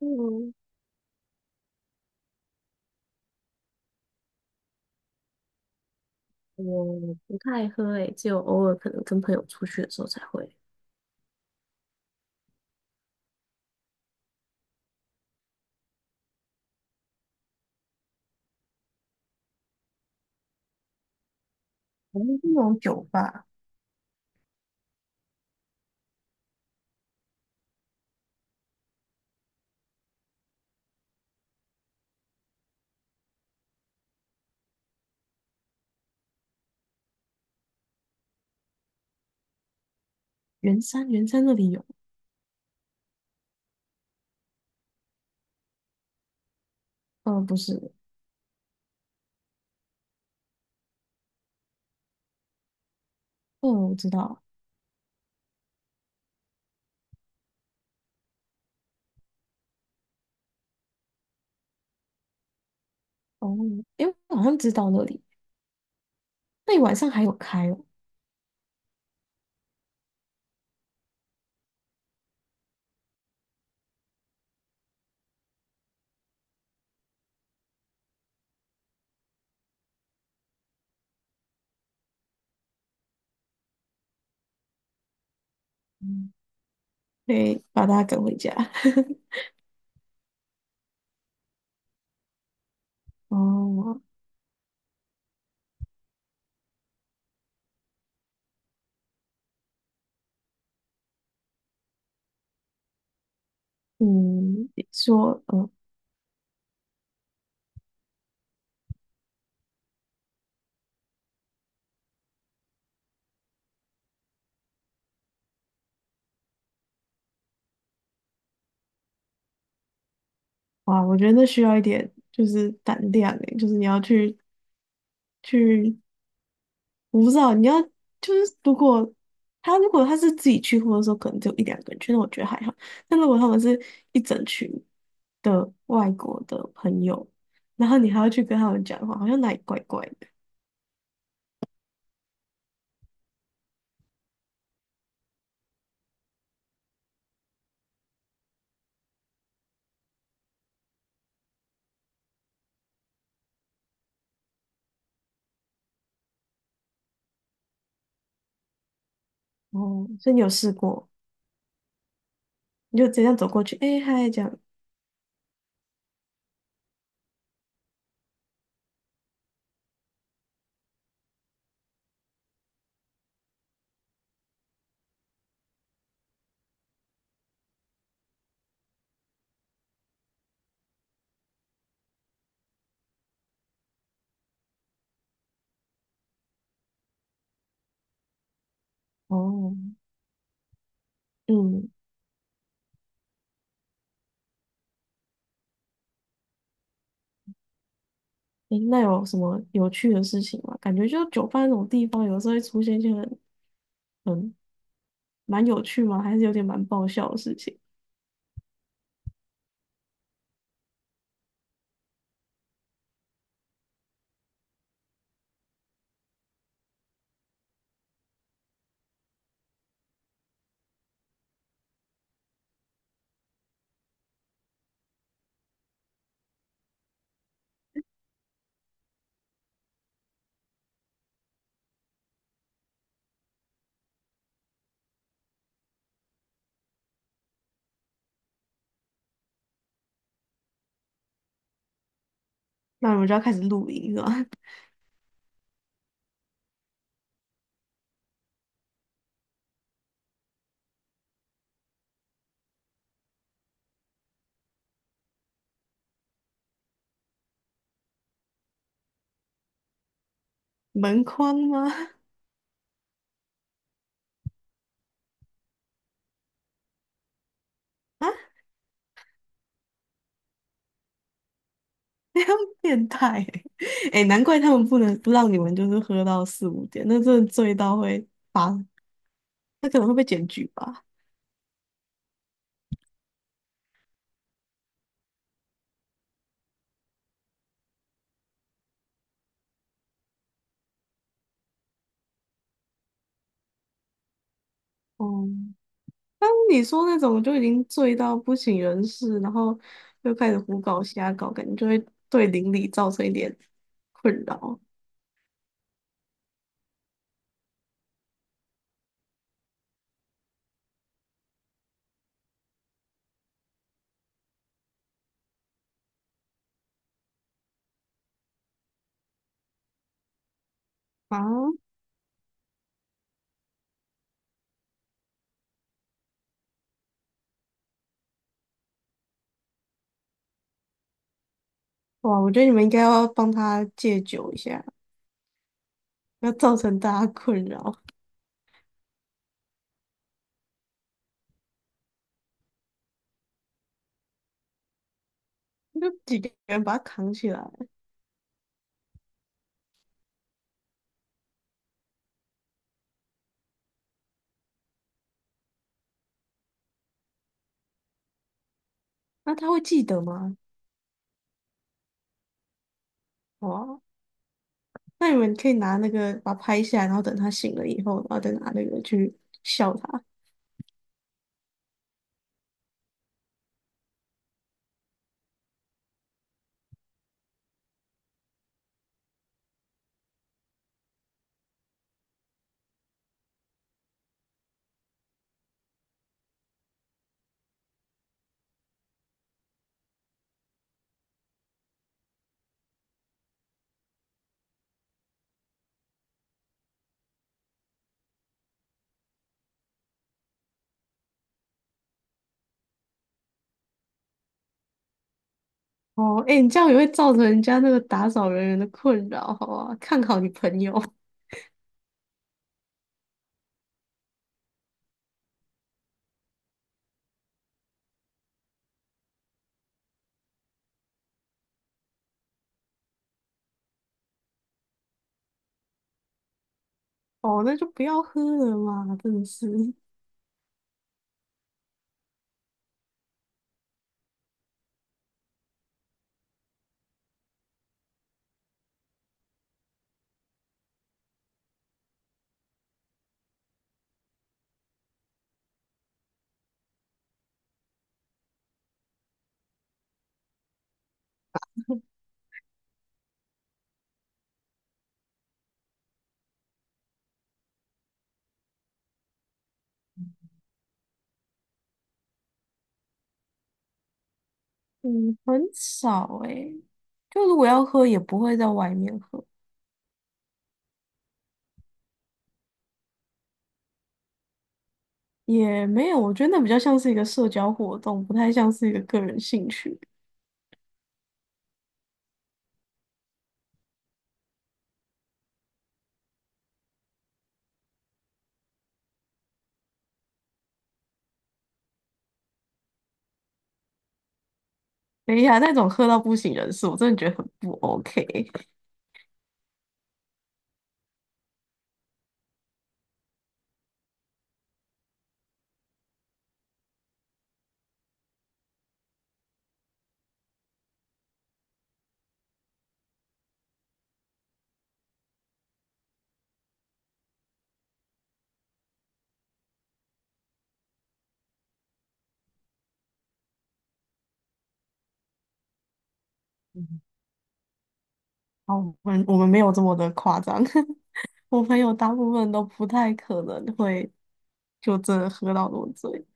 嗯，我不太喝诶，只有偶尔可能跟朋友出去的时候才会。我们这种酒吧，圆山那里有，呃，不是，嗯，我知道，哦，诶，我好像知道那里，那里晚上还有开哦，嗯，对，把大家赶回家。哦，嗯，说，嗯，哇，我觉得那需要一点就是胆量诶，就是你要去去我不知道，你要就是如果他是自己去，或者说可能只有一两个人去，那我觉得还好。但如果他们是一整群的外国的朋友，然后你还要去跟他们讲话，好像哪里怪怪的。哦，所以你有试过，你就直接这样走过去，哎、嗨，这样。哦，嗯，诶，那有什么有趣的事情吗？感觉就酒吧那种地方，有时候会出现一些很很蛮有趣吗？还是有点蛮爆笑的事情。那我们就要开始录音了，门框吗？啊？变态欸！哎、难怪他们不能不让你们就是喝到四五点，那真的醉到会发，那可能会被检举吧。哦、当你说那种就已经醉到不省人事，然后又开始胡搞瞎搞，感觉就会对邻里造成一点困扰啊！哇，我觉得你们应该要帮他戒酒一下，不要造成大家困扰。就几个人把他扛起来，那他会记得吗？哇，那你们可以拿那个把它拍下来，然后等他醒了以后，然后再拿那个去笑他。哦，哎，你这样也会造成人家那个打扫人员的困扰，好啊，看好你朋友。哦，那就不要喝了嘛，真的是，嗯，很少诶，就如果要喝，也不会在外面喝，也没有，我觉得那比较像是一个社交活动，不太像是一个个人兴趣。等一下，那种喝到不省人事，我真的觉得很不 OK。好，我们没有这么的夸张。我朋友大部分都不太可能会就真的喝到那么醉，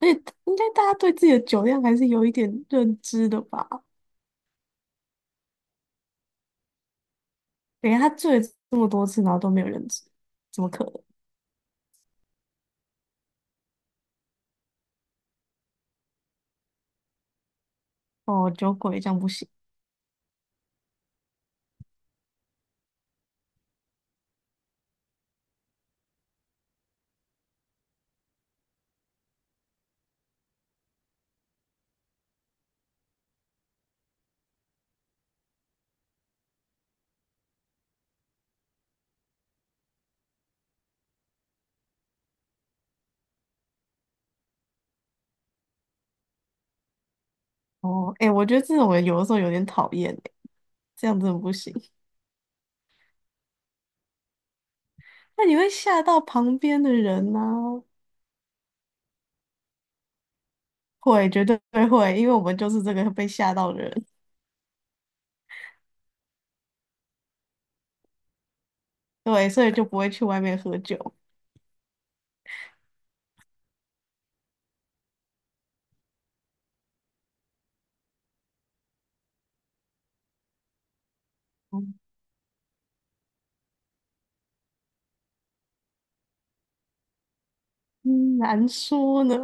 而且应该大家对自己的酒量还是有一点认知的吧？等一下他醉了这么多次，然后都没有认知，怎么可能？哦，酒鬼这样不行。哦，哎、我觉得这种人有的时候有点讨厌欸，这样真的不行。那你会吓到旁边的人呢、会，绝对会，因为我们就是这个被吓到的人，对，所以就不会去外面喝酒。嗯，嗯难说呢。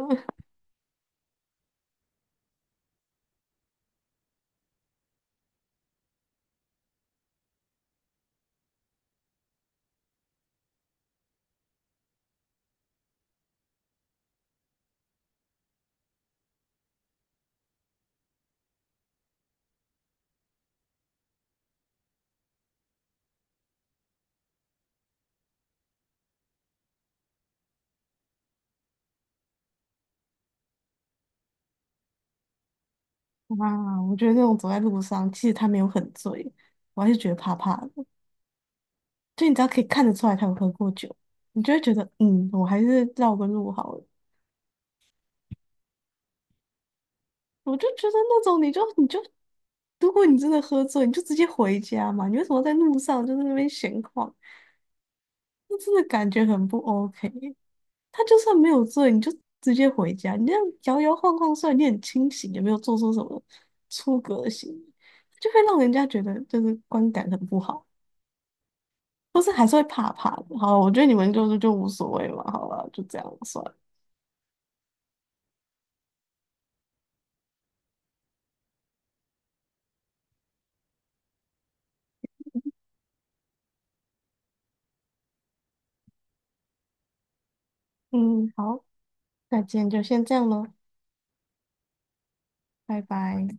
哇，我觉得那种走在路上，其实他没有很醉，我还是觉得怕怕的。就你只要可以看得出来他有喝过酒，你就会觉得，嗯，我还是绕个路好了。我就觉得那种你就你就，如果你真的喝醉，你就直接回家嘛，你为什么在路上就是那边闲逛？那真的感觉很不 OK。他就算没有醉，你就直接回家，你这样摇摇晃晃，虽然你很清醒，也没有做出什么出格的行为，就会让人家觉得就是观感很不好。或是还是会怕怕的。好，我觉得你们就是就无所谓嘛，好了，就这样算了嗯，好，那今天就先这样咯，拜拜。